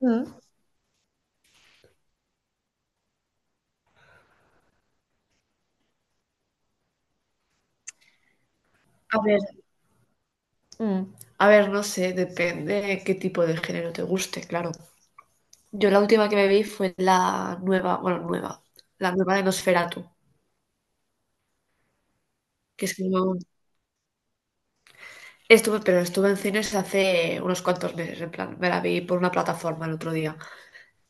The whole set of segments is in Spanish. Mm. A ver, mm, a ver, tipo de que te guste, claro. Yo la última que me vi fue la nueva, bueno, nueva, la nueva de Nosferatu, que es como. Estuve, pero estuve en cines hace unos cuantos meses, en plan, me la vi por una plataforma el otro día.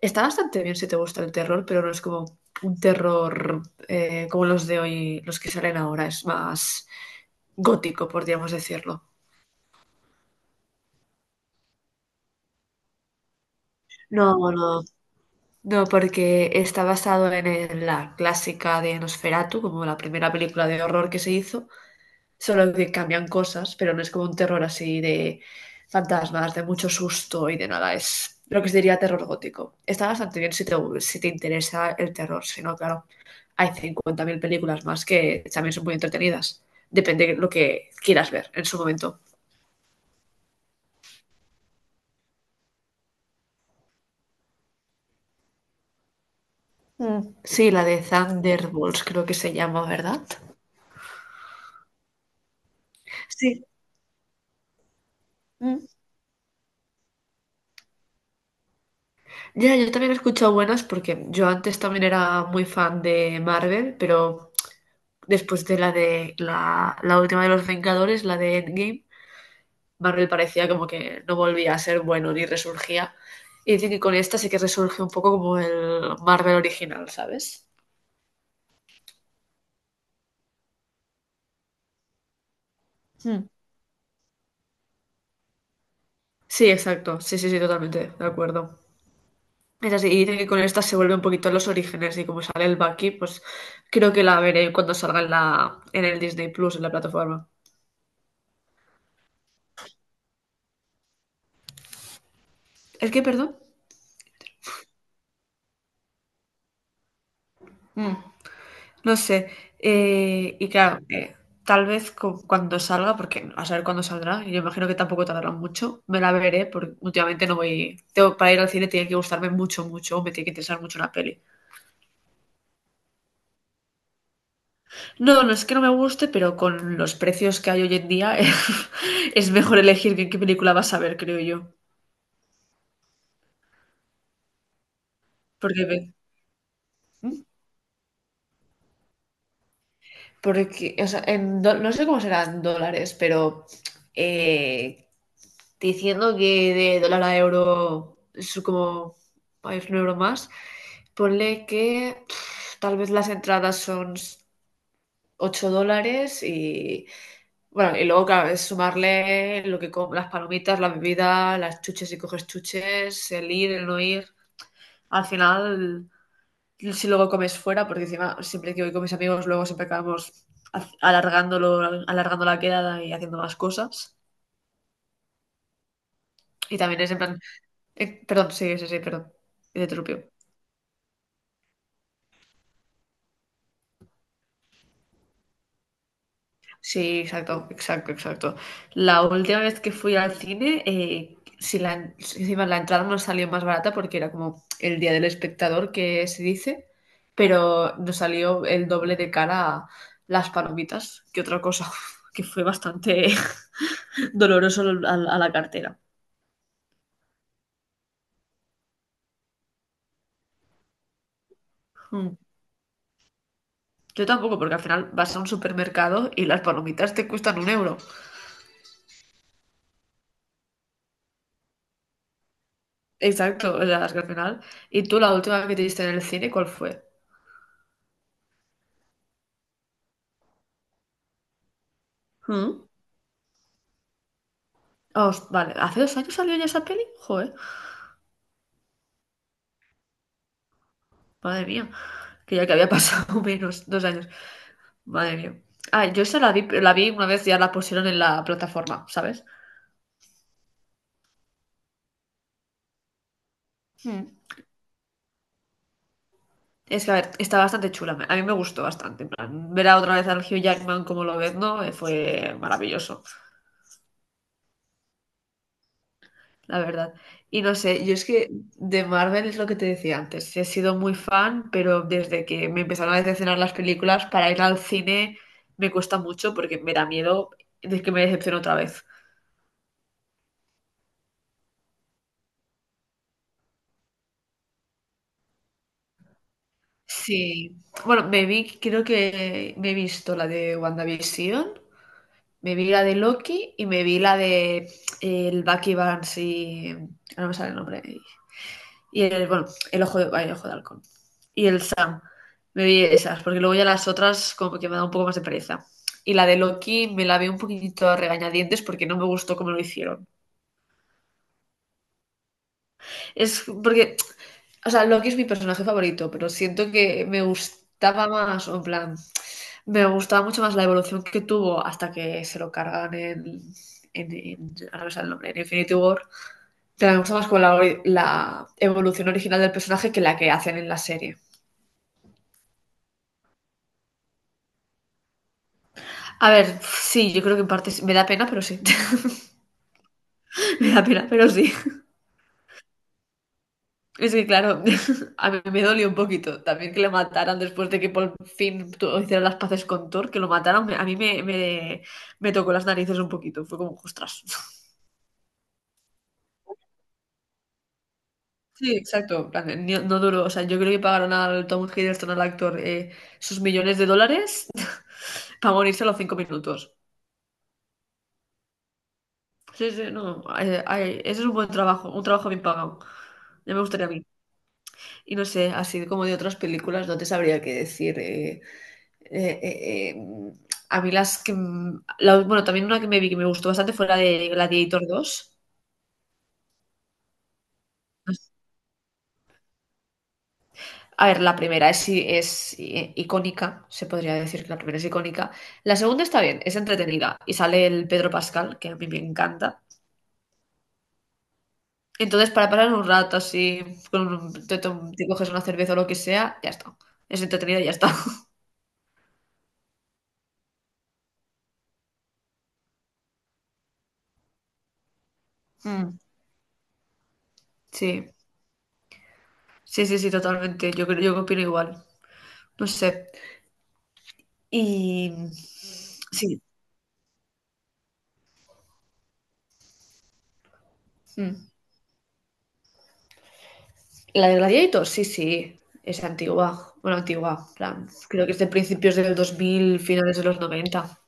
Está bastante bien si te gusta el terror, pero no es como un terror como los de hoy, los que salen ahora, es más gótico, podríamos decirlo. No, no, no, porque está basado en la clásica de Nosferatu, como la primera película de horror que se hizo, solo que cambian cosas, pero no es como un terror así de fantasmas, de mucho susto y de nada, es lo que se diría terror gótico. Está bastante bien si te interesa el terror, si no, claro, hay 50.000 películas más que también son muy entretenidas, depende de lo que quieras ver en su momento. Mm. Sí, la de Thunderbolts creo que se llama, ¿verdad? Sí. Ya, yo también he escuchado buenas porque yo antes también era muy fan de Marvel, pero después de la última de los Vengadores, la de Endgame, Marvel parecía como que no volvía a ser bueno ni resurgía. Y dicen que con esta sí que resurge un poco como el Marvel original, ¿sabes? Hmm. Sí, exacto. Sí, sí, sí, totalmente, de acuerdo. Es así, y dicen que con esta se vuelve un poquito a los orígenes y como sale el Bucky, pues creo que la veré cuando salga en el Disney Plus, en la plataforma. ¿Es que, perdón? Mm. No sé, y claro, tal vez cuando salga, porque a saber cuándo saldrá, y yo imagino que tampoco tardará mucho, me la veré, porque últimamente no voy, tengo, para ir al cine tiene que gustarme mucho, mucho, o me tiene que interesar mucho una peli. No, no es que no me guste, pero con los precios que hay hoy en día, es mejor elegir qué película vas a ver, creo yo. Porque, ve- ¿Mm? Porque, o sea, no sé cómo serán dólares, pero eh, diciendo que de dólar a euro es como hay un euro más, ponle que pf, tal vez las entradas son $8 y bueno, y luego claro, es sumarle lo que las palomitas, la bebida, las chuches si coges chuches, el ir, el no ir. Al final si luego comes fuera, porque encima siempre que voy con mis amigos, luego siempre acabamos alargándolo, alargando la quedada y haciendo más cosas. Y también es en plan, perdón, sí, sí, sí, perdón, te interrumpí. Sí, exacto, exacto, exacto. La última vez que fui al cine, si encima la entrada nos salió más barata porque era como el día del espectador que se dice, pero nos salió el doble de cara a las palomitas que otra cosa, que fue bastante doloroso a la cartera. Mm. Yo tampoco, porque al final vas a un supermercado y las palomitas te cuestan un euro. Exacto, o sea, es que al final. ¿Y tú la última que te diste en el cine, cuál fue? Mm. Vale, ¿hace 2 años salió ya esa peli? Joder, madre mía, que ya que había pasado menos, 2 años. Madre mía. Ah, yo esa la vi una vez ya la pusieron en la plataforma, ¿sabes? Mm. Es que, a ver, está bastante chula. A mí me gustó bastante. En plan, ver a otra vez al Hugh Jackman como lo ves, ¿no? Fue maravilloso. La verdad. Y no sé, yo es que de Marvel es lo que te decía antes. He sido muy fan, pero desde que me empezaron a decepcionar las películas, para ir al cine me cuesta mucho porque me da miedo de que me decepcione otra vez. Sí. Bueno, me vi, creo que me he visto la de WandaVision, me vi la de Loki y me vi la de el Bucky Barnes y ahora no me sale el nombre. Y el, bueno, el ojo de, ay, ojo de halcón. Y el Sam. Me vi esas, porque luego ya las otras como que me da un poco más de pereza. Y la de Loki me la vi un poquitito a regañadientes porque no me gustó cómo lo hicieron. Es porque, o sea, Loki es mi personaje favorito, pero siento que me gustaba más, o en plan, me gustaba mucho más la evolución que tuvo hasta que se lo cargan ahora no me el nombre, en Infinity War. Pero me gusta más con la evolución original del personaje que la que hacen en la serie. A ver, sí, yo creo que en parte sí. Me da pena, pero sí. Me da pena, pero sí. Es que claro, a mí me dolió un poquito también que le mataran después de que por fin hicieran las paces con Thor, que lo mataran, a mí me tocó las narices un poquito. Fue como, ostras. Sí, exacto. En plan, no, duró. O sea, yo creo que pagaron al Tom Hiddleston, al actor, sus millones de dólares para morirse a los 5 minutos. Sí, sí, no. Ay, ay, ese es un buen trabajo, un trabajo bien pagado. Ya me gustaría a mí. Y no sé, así como de otras películas, no te sabría qué decir. Eh, eh, eh, a mí las que, bueno, también una que me vi que me gustó bastante fue la de Gladiator dos. A ver, la primera es, es icónica, se podría decir que la primera es icónica. La segunda está bien, es entretenida y sale el Pedro Pascal, que a mí me encanta. Entonces, para pasar un rato así, con te, te coges una cerveza o lo que sea, ya está. Es entretenida y ya está. Mm, sí, sí, sí, sí, totalmente. Yo, yo opino igual. No sé. Y sí. Mm. La de Gladiator, sí, sí. Es antigua. Bueno, antigua. Plan, creo que es de principios del 2000 finales de los noventa.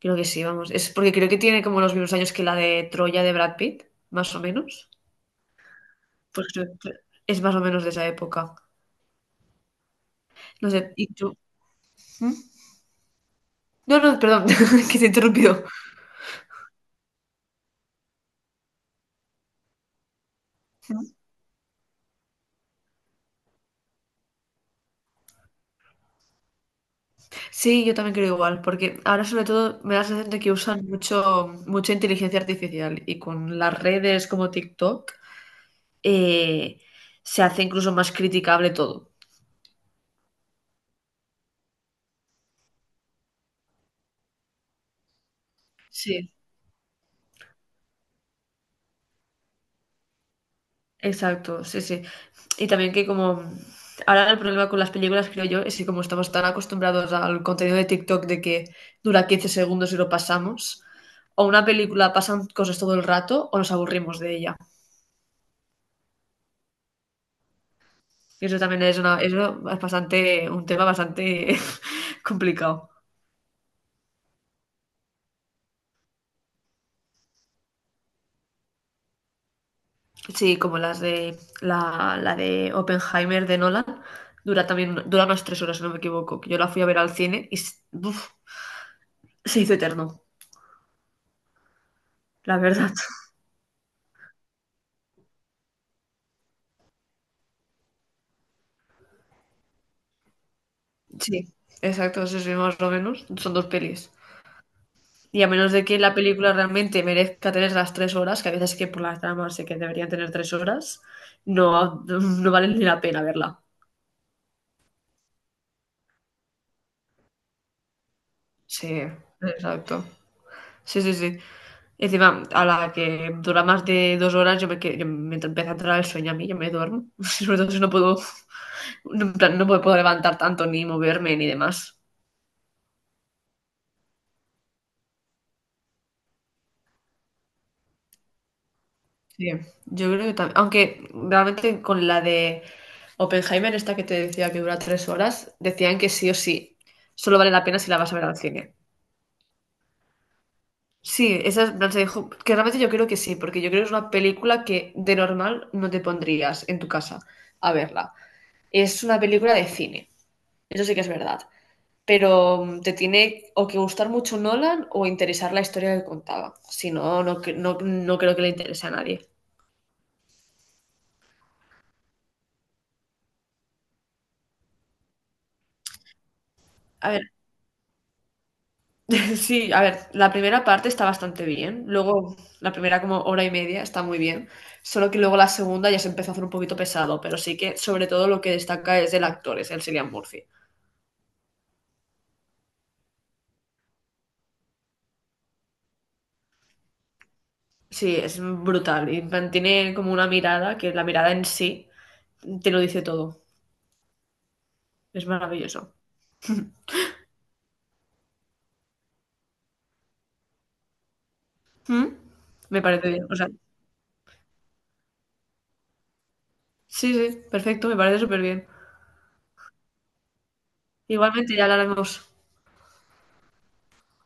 Creo que sí, vamos. Es porque creo que tiene como los mismos años que la de Troya de Brad Pitt, más o menos. Pues creo que es más o menos de esa época. No sé, ¿y tú? ¿Mm? No, no, perdón, que te he interrumpido. Sí, yo también creo igual, porque ahora sobre todo me da la sensación de que usan mucho, mucha inteligencia artificial y con las redes como TikTok eh, se hace incluso más criticable todo. Sí, exacto, sí, sí. Y también que como ahora el problema con las películas, creo yo, es que como estamos tan acostumbrados al contenido de TikTok de que dura 15 segundos y lo pasamos, o una película pasan cosas todo el rato o nos aburrimos de ella. Y eso también es una, eso es bastante, un tema bastante complicado. Sí, como las de la de Oppenheimer de Nolan. Dura también, dura unas 3 horas, si no me equivoco, que yo la fui a ver al cine y uf, se hizo eterno, la verdad. Sí, exacto, sí, sí, más o menos. Son dos pelis. Y a menos de que la película realmente merezca tener las 3 horas, que a veces que por las tramas sé que deberían tener 3 horas, no, no vale ni la pena verla. Sí, exacto. Sí, sí, sí. Encima, a la que dura más de 2 horas, yo me, yo me empieza a entrar el sueño a mí, yo me duermo. Sobre todo si no puedo, no, en plan, no me puedo levantar tanto, ni moverme, ni demás. Sí, yo creo que también. Aunque realmente con la de Oppenheimer, esta que te decía que dura 3 horas, decían que sí o sí, solo vale la pena si la vas a ver al cine. Sí, esa en plan, se dijo que realmente yo creo que sí, porque yo creo que es una película que de normal no te pondrías en tu casa a verla. Es una película de cine, eso sí que es verdad. Pero te tiene o que gustar mucho Nolan o interesar la historia que contaba. Si no, no, no, no creo que le interese a nadie. A ver, sí, a ver, la primera parte está bastante bien. Luego, la primera como hora y media está muy bien. Solo que luego la segunda ya se empezó a hacer un poquito pesado, pero sí que sobre todo lo que destaca es el actor, es el Cillian Murphy. Sí, es brutal y mantiene como una mirada que la mirada en sí te lo dice todo. Es maravilloso. ¿Mm? Me parece bien. O sea, sí, sí, perfecto, me parece súper bien. Igualmente ya hablaremos.